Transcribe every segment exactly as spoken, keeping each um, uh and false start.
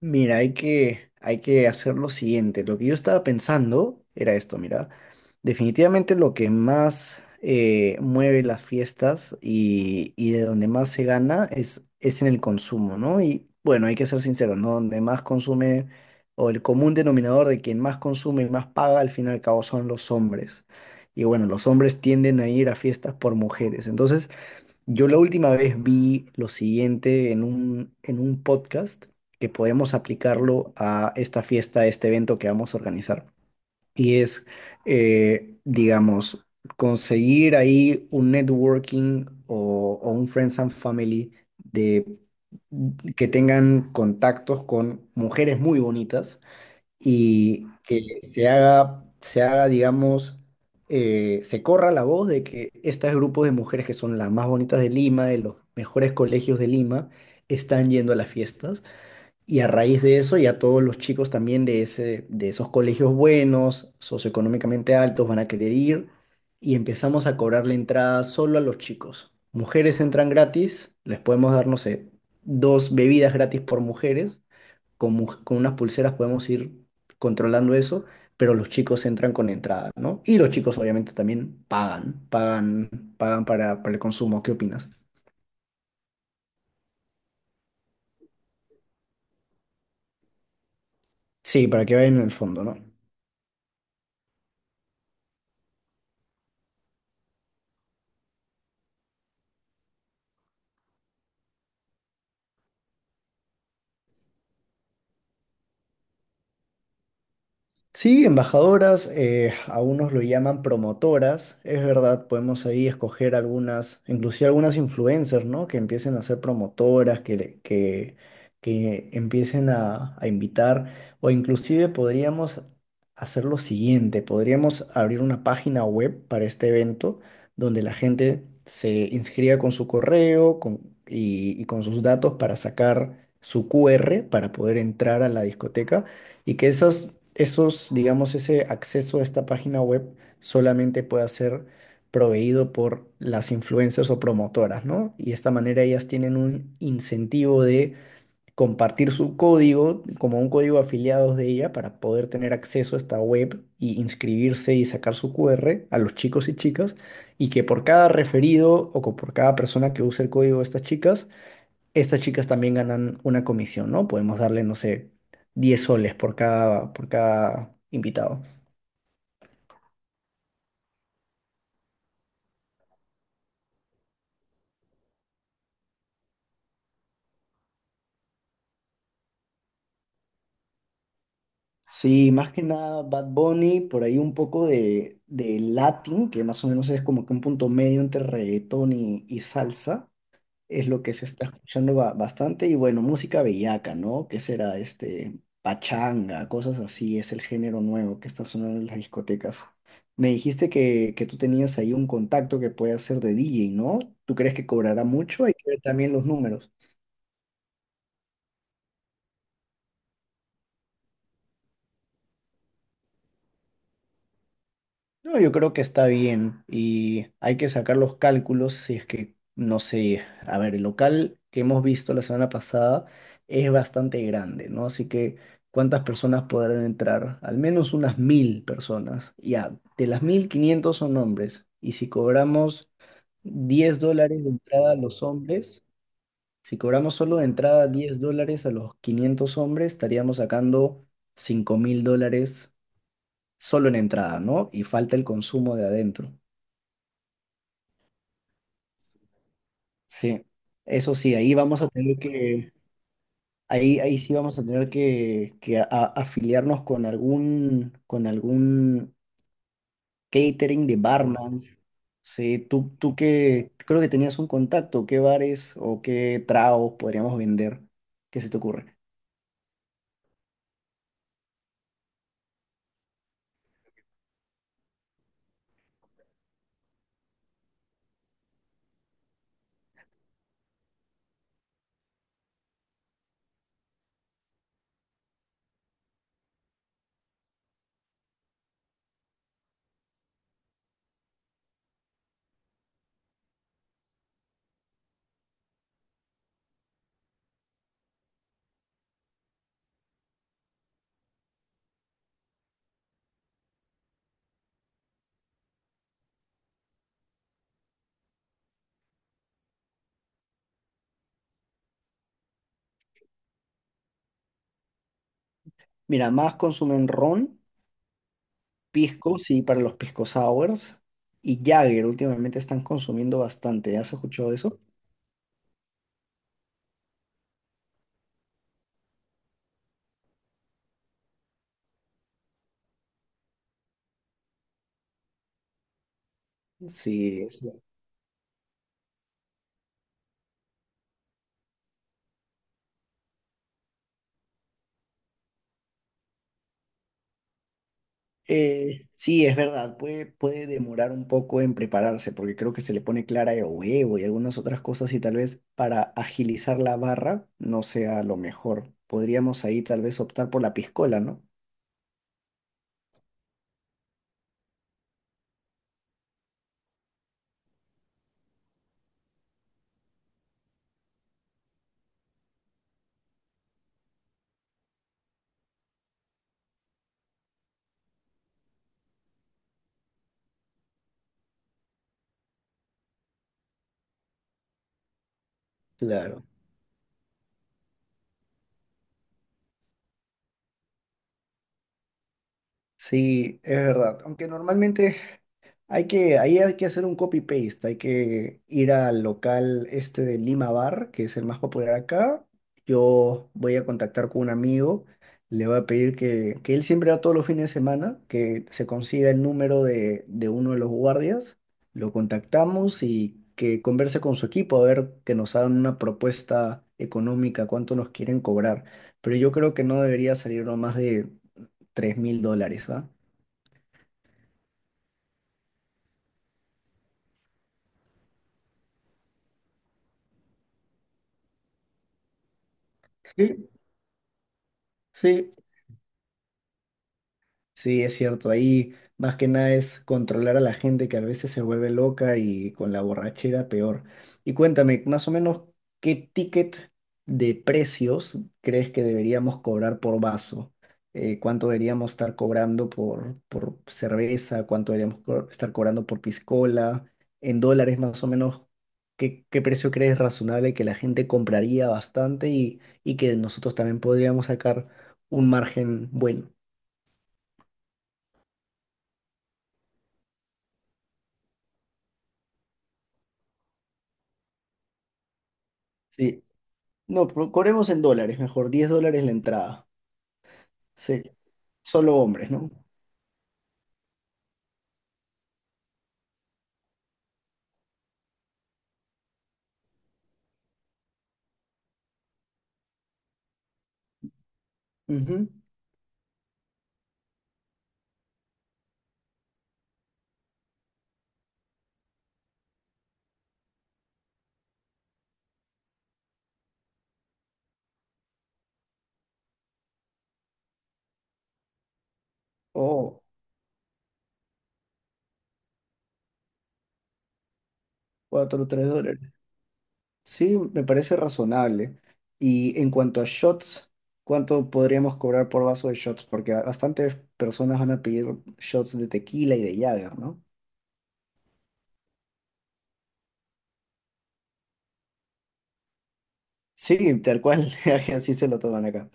Mira, hay que, hay que hacer lo siguiente. Lo que yo estaba pensando era esto, mira. Definitivamente lo que más eh, mueve las fiestas y, y de donde más se gana es, es en el consumo, ¿no? Y bueno, hay que ser sinceros, ¿no? Donde más consume o el común denominador de quien más consume y más paga, al fin y al cabo son los hombres. Y bueno, los hombres tienden a ir a fiestas por mujeres. Entonces, yo la última vez vi lo siguiente en un, en un podcast que podemos aplicarlo a esta fiesta, a este evento que vamos a organizar. Y es, eh, digamos, conseguir ahí un networking o, o un friends and family de, que tengan contactos con mujeres muy bonitas y que se haga, se haga, digamos, eh, se corra la voz de que estos grupos de mujeres que son las más bonitas de Lima, de los mejores colegios de Lima, están yendo a las fiestas. Y a raíz de eso, ya todos los chicos también de ese, de esos colegios buenos, socioeconómicamente altos, van a querer ir y empezamos a cobrar la entrada solo a los chicos. Mujeres entran gratis, les podemos dar, no sé, dos bebidas gratis por mujeres con, mu- con unas pulseras podemos ir controlando eso, pero los chicos entran con entrada, ¿no? Y los chicos obviamente también pagan, pagan, pagan para, para el consumo. ¿Qué opinas? Sí, para que vayan en el fondo, ¿no? Sí, embajadoras, eh, a unos lo llaman promotoras, es verdad, podemos ahí escoger algunas, inclusive algunas influencers, ¿no? Que empiecen a ser promotoras, que, le- que, que empiecen a, a invitar, o inclusive podríamos hacer lo siguiente, podríamos abrir una página web para este evento donde la gente se inscriba con su correo con- y y con sus datos para sacar su Q R para poder entrar a la discoteca y que esas, esos, digamos, ese acceso a esta página web solamente pueda ser proveído por las influencers o promotoras, ¿no? Y de esta manera ellas tienen un incentivo de compartir su código como un código afiliados de ella para poder tener acceso a esta web y inscribirse y sacar su Q R a los chicos y chicas y que por cada referido o co- por cada persona que use el código de estas chicas estas chicas también ganan una comisión, ¿no? Podemos darle, no sé, diez soles por cada, por cada invitado. Sí, más que nada Bad Bunny, por ahí un poco de, de Latin, que más o menos es como que un punto medio entre reggaetón y, y salsa. Es lo que se está escuchando ba- bastante. Y bueno, música bellaca, ¿no? ¿Qué será este? Pachanga, cosas así, es el género nuevo que está sonando en las discotecas. Me dijiste que, que tú tenías ahí un contacto que puede hacer de D J, ¿no? ¿Tú crees que cobrará mucho? Hay que ver también los números. No, yo creo que está bien y hay que sacar los cálculos si es que, no sé, a ver, el local que hemos visto la semana pasada es bastante grande, ¿no? Así que, ¿cuántas personas podrán entrar? Al menos unas mil personas. Ya, de las mil, quinientos son hombres. Y si cobramos diez dólares de entrada a los hombres, si cobramos solo de entrada diez dólares a los quinientos hombres, estaríamos sacando cinco mil dólares solo en entrada, ¿no? Y falta el consumo de adentro. Sí, eso sí, ahí vamos a tener que, ahí, ahí sí vamos a tener que, que a- a- afiliarnos con algún, con algún catering de barman. Sí, tú, tú que creo que tenías un contacto, ¿qué bares o qué tragos podríamos vender? ¿Qué se te ocurre? Mira, más consumen ron, pisco, sí, para los pisco sours, y Jagger, últimamente están consumiendo bastante, ¿has escuchado de eso? Sí, Eh, sí, es verdad, puede, puede demorar un poco en prepararse porque creo que se le pone clara de huevo y algunas otras cosas y tal vez para agilizar la barra no sea lo mejor. Podríamos ahí tal vez optar por la piscola, ¿no? Claro. Sí, es verdad, aunque normalmente hay que, ahí hay que hacer un copy-paste, hay que ir al local este de Lima Bar, que es el más popular acá. Yo voy a contactar con un amigo, le voy a pedir que, que él siempre va todos los fines de semana, que se consiga el número de, de uno de los guardias, lo contactamos y que converse con su equipo a ver que nos hagan una propuesta económica, cuánto nos quieren cobrar. Pero yo creo que no debería salirnos más de tres mil dólares, ¿ah? Sí, sí, Sí, es cierto, ahí más que nada es controlar a la gente que a veces se vuelve loca y con la borrachera peor. Y cuéntame, más o menos, ¿qué ticket de precios crees que deberíamos cobrar por vaso? Eh, ¿cuánto deberíamos estar cobrando por, por cerveza? ¿Cuánto deberíamos co- estar cobrando por piscola? En dólares, más o menos, ¿qué, ¿qué precio crees razonable que la gente compraría bastante y, y que nosotros también podríamos sacar un margen bueno? Sí, no, pero cobremos en dólares, mejor, diez dólares la entrada. Sí, solo hombres, ¿no? Ujú. Oh, cuatro o tres dólares. Sí, me parece razonable. Y en cuanto a shots, ¿cuánto podríamos cobrar por vaso de shots? Porque ba- bastantes personas van a pedir shots de tequila y de Jagger, ¿no? Sí, tal cual, así se lo toman acá.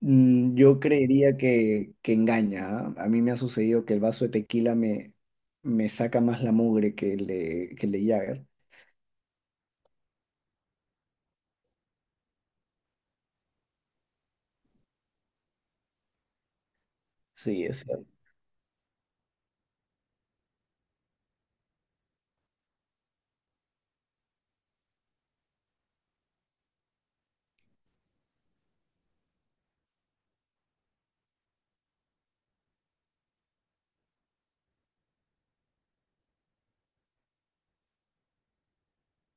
Mm, yo creería que, que engaña, ¿ah? A mí me ha sucedido que el vaso de tequila me, me saca más la mugre que el de, que el de Jagger. Sí, es cierto.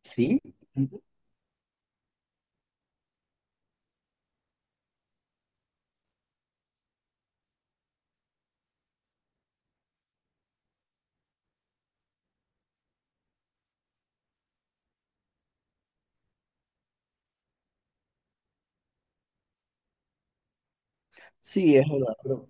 Sí, sí, es verdad, pero-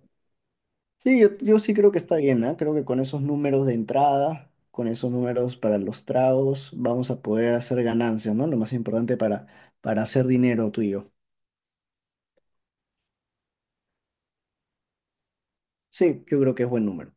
sí, yo, yo sí creo que está bien, ¿ah? Creo que con esos números de entrada, con esos números para los tragos, vamos a poder hacer ganancias, ¿no? Lo más importante para, para hacer dinero tú y yo. Sí, yo creo que es buen número.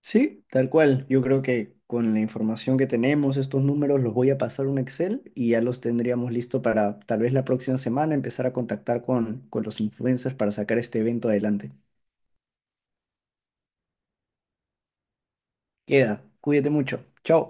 Sí, tal cual. Yo creo que con la información que tenemos, estos números los voy a pasar a un Excel y ya los tendríamos listo para tal vez la próxima semana empezar a contactar con, con los influencers para sacar este evento adelante. Queda, cuídate mucho. Chao.